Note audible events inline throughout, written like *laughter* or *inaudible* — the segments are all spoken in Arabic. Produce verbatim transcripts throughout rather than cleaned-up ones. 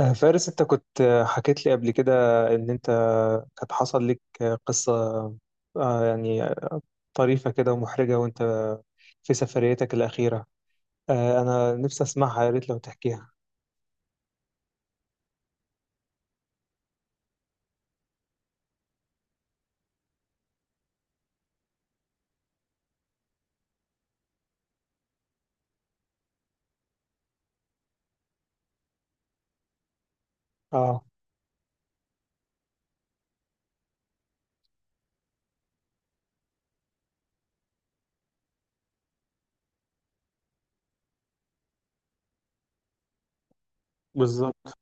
آه، فارس انت كنت آه، حكيت لي قبل كده ان انت كانت حصل لك آه، قصة آه، يعني طريفة كده ومحرجة، وانت في سفريتك الأخيرة آه، انا نفسي اسمعها، يا ريت لو تحكيها. اه، بالظبط.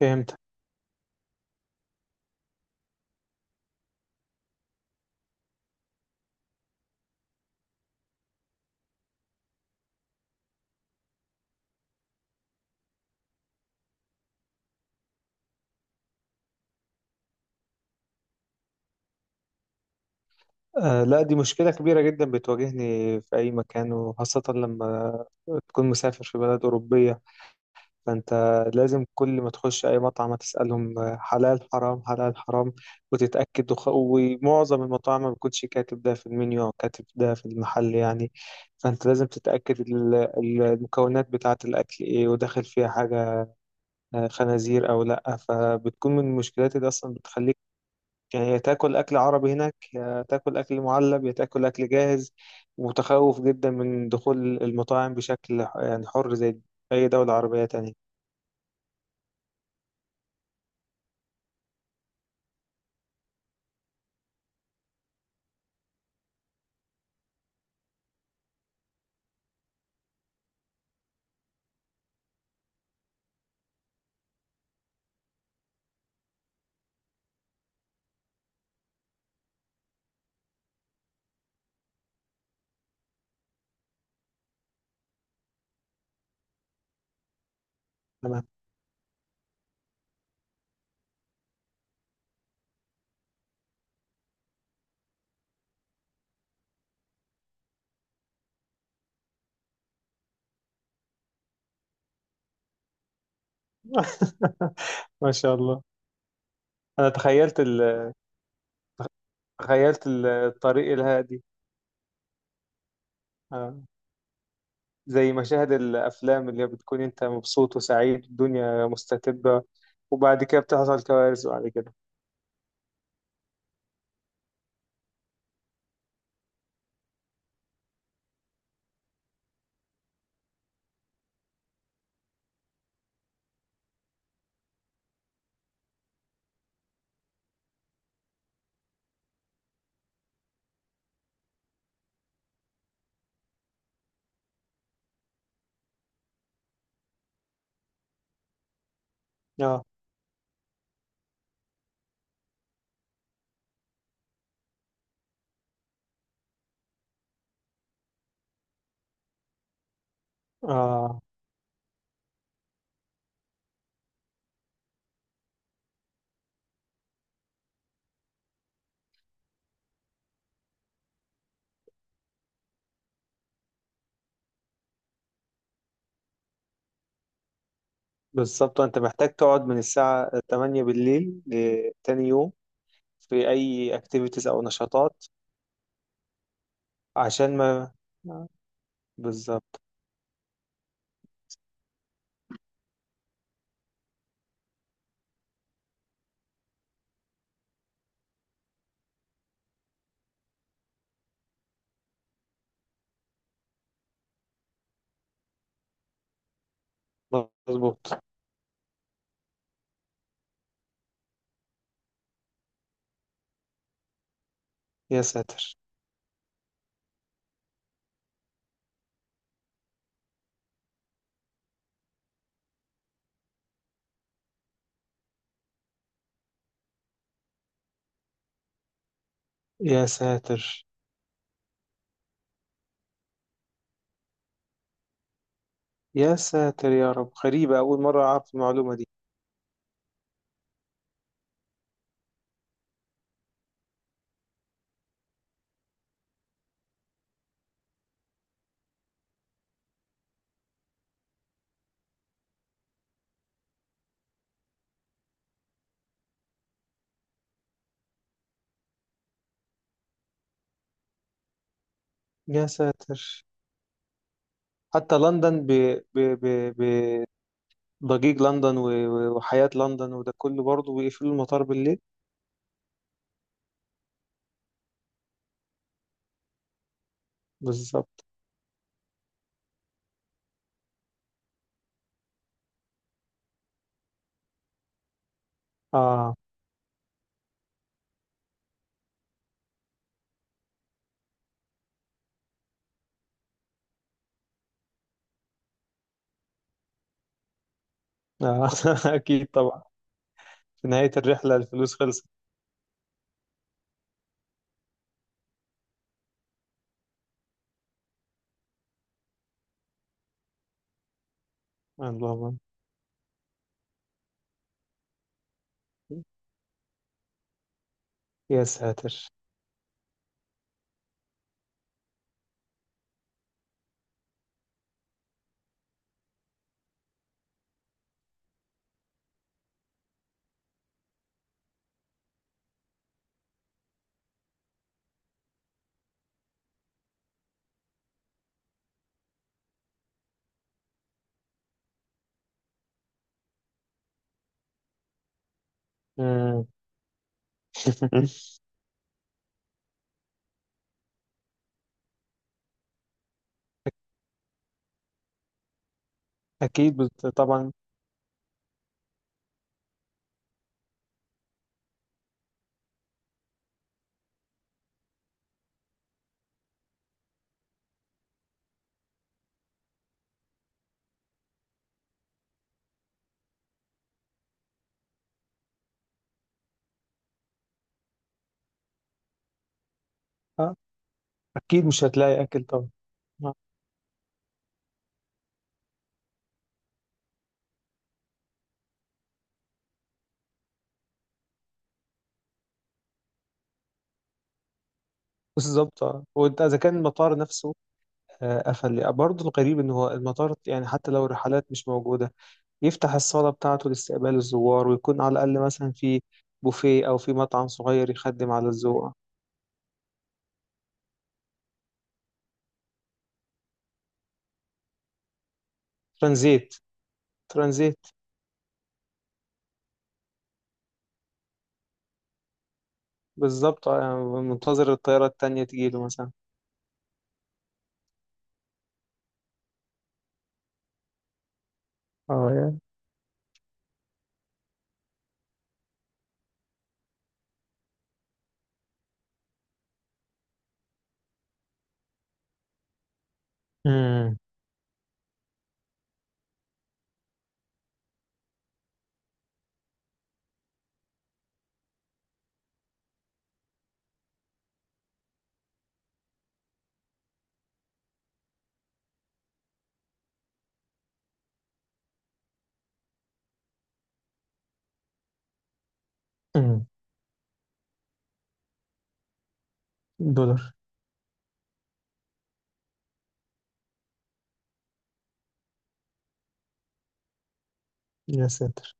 فهمت. آه، لا، دي مشكلة كبيرة جدا بتواجهني في اي مكان، وخاصة لما تكون مسافر في بلد أوروبية. فانت لازم كل ما تخش اي مطعم هتسالهم آه، حلال حرام حلال حرام وتتاكد. وخ... ومعظم المطاعم ما بيكونش كاتب ده في المنيو او كاتب ده في المحل يعني. فانت لازم تتاكد ال- ال- المكونات بتاعه الاكل ايه، وداخل فيها حاجه آه، خنازير او لا. فبتكون من المشكلات اللي اصلا بتخليك يعني، يا تاكل اكل عربي هناك، يا تاكل اكل معلب، يا تاكل اكل جاهز. متخوف جدا من دخول المطاعم بشكل يعني حر زي اي دوله عربيه تانية. *laughs* ما شاء الله. انا تخيلت ال... تخيلت ال- الطريق الهادي. آه. زي مشاهد الافلام اللي بتكون انت مبسوط وسعيد، الدنيا مستتبة، وبعد كده بتحصل كوارث بعد كده. اه، اه، بالظبط، انت محتاج تقعد من الساعة ثمانية بالليل لتاني يوم في اي اكتيفيتيز او نشاطات عشان ما. آه. بالظبط. مظبوط. يا ساتر. يا ساتر. يا ساتر يا رب، غريبة، أول مرة أعرف المعلومة دي. يا ساتر. حتى لندن، ب... ب... ب... بضجيج لندن و... و- وحياة لندن وده كله برضه بيقفلوا المطار بالليل. بالظبط. آه. آه. *laughs* أكيد طبعا. في نهاية الرحلة الفلوس خلصت. اللهم. يا ساتر. مم. *laughs* أكيد بت... طبعا. آه. أكيد مش هتلاقي أكل طبعا. آه. بالظبط. آه. وانت اذا كان المطار نفسه آه، قفل برضه، الغريب ان هو المطار يعني حتى لو الرحلات مش موجوده يفتح الصالة بتاعته لاستقبال الزوار، ويكون على الأقل مثلا في بوفيه أو في مطعم صغير يخدم على الذوق. ترانزيت. ترانزيت. بالظبط. آه، منتظر الطيارة التانية تجيله مثلا. اه يعني. مم. مم. دولار. يا ساتر.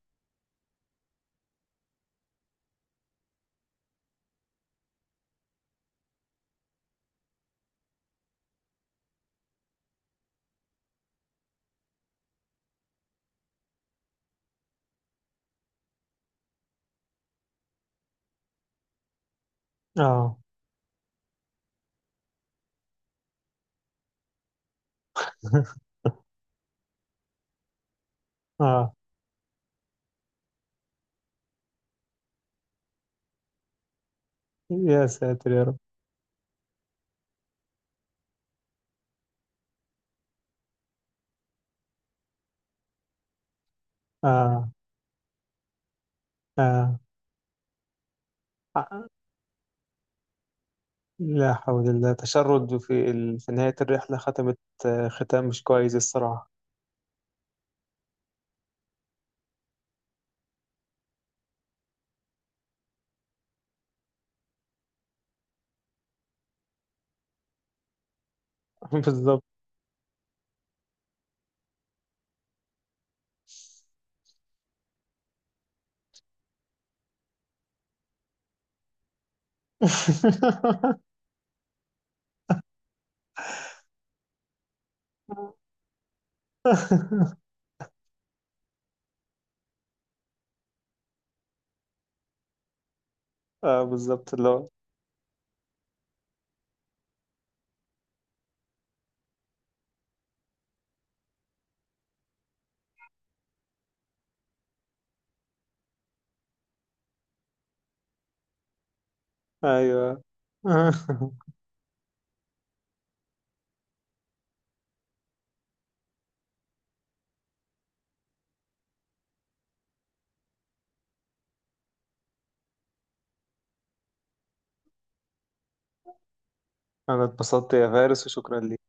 اه. *laughs* اه. يا ساتر يا رب. اه. اه. آه. لا حول الله، تشرد في ال... في نهاية الرحلة، ختمت آه، ختام مش كويس الصراحة. *laughs* بالظبط. *laughs* اه، بالظبط اللي هو. ايوه. *laughs* انا اتبسطت يا فارس، وشكرا ليك.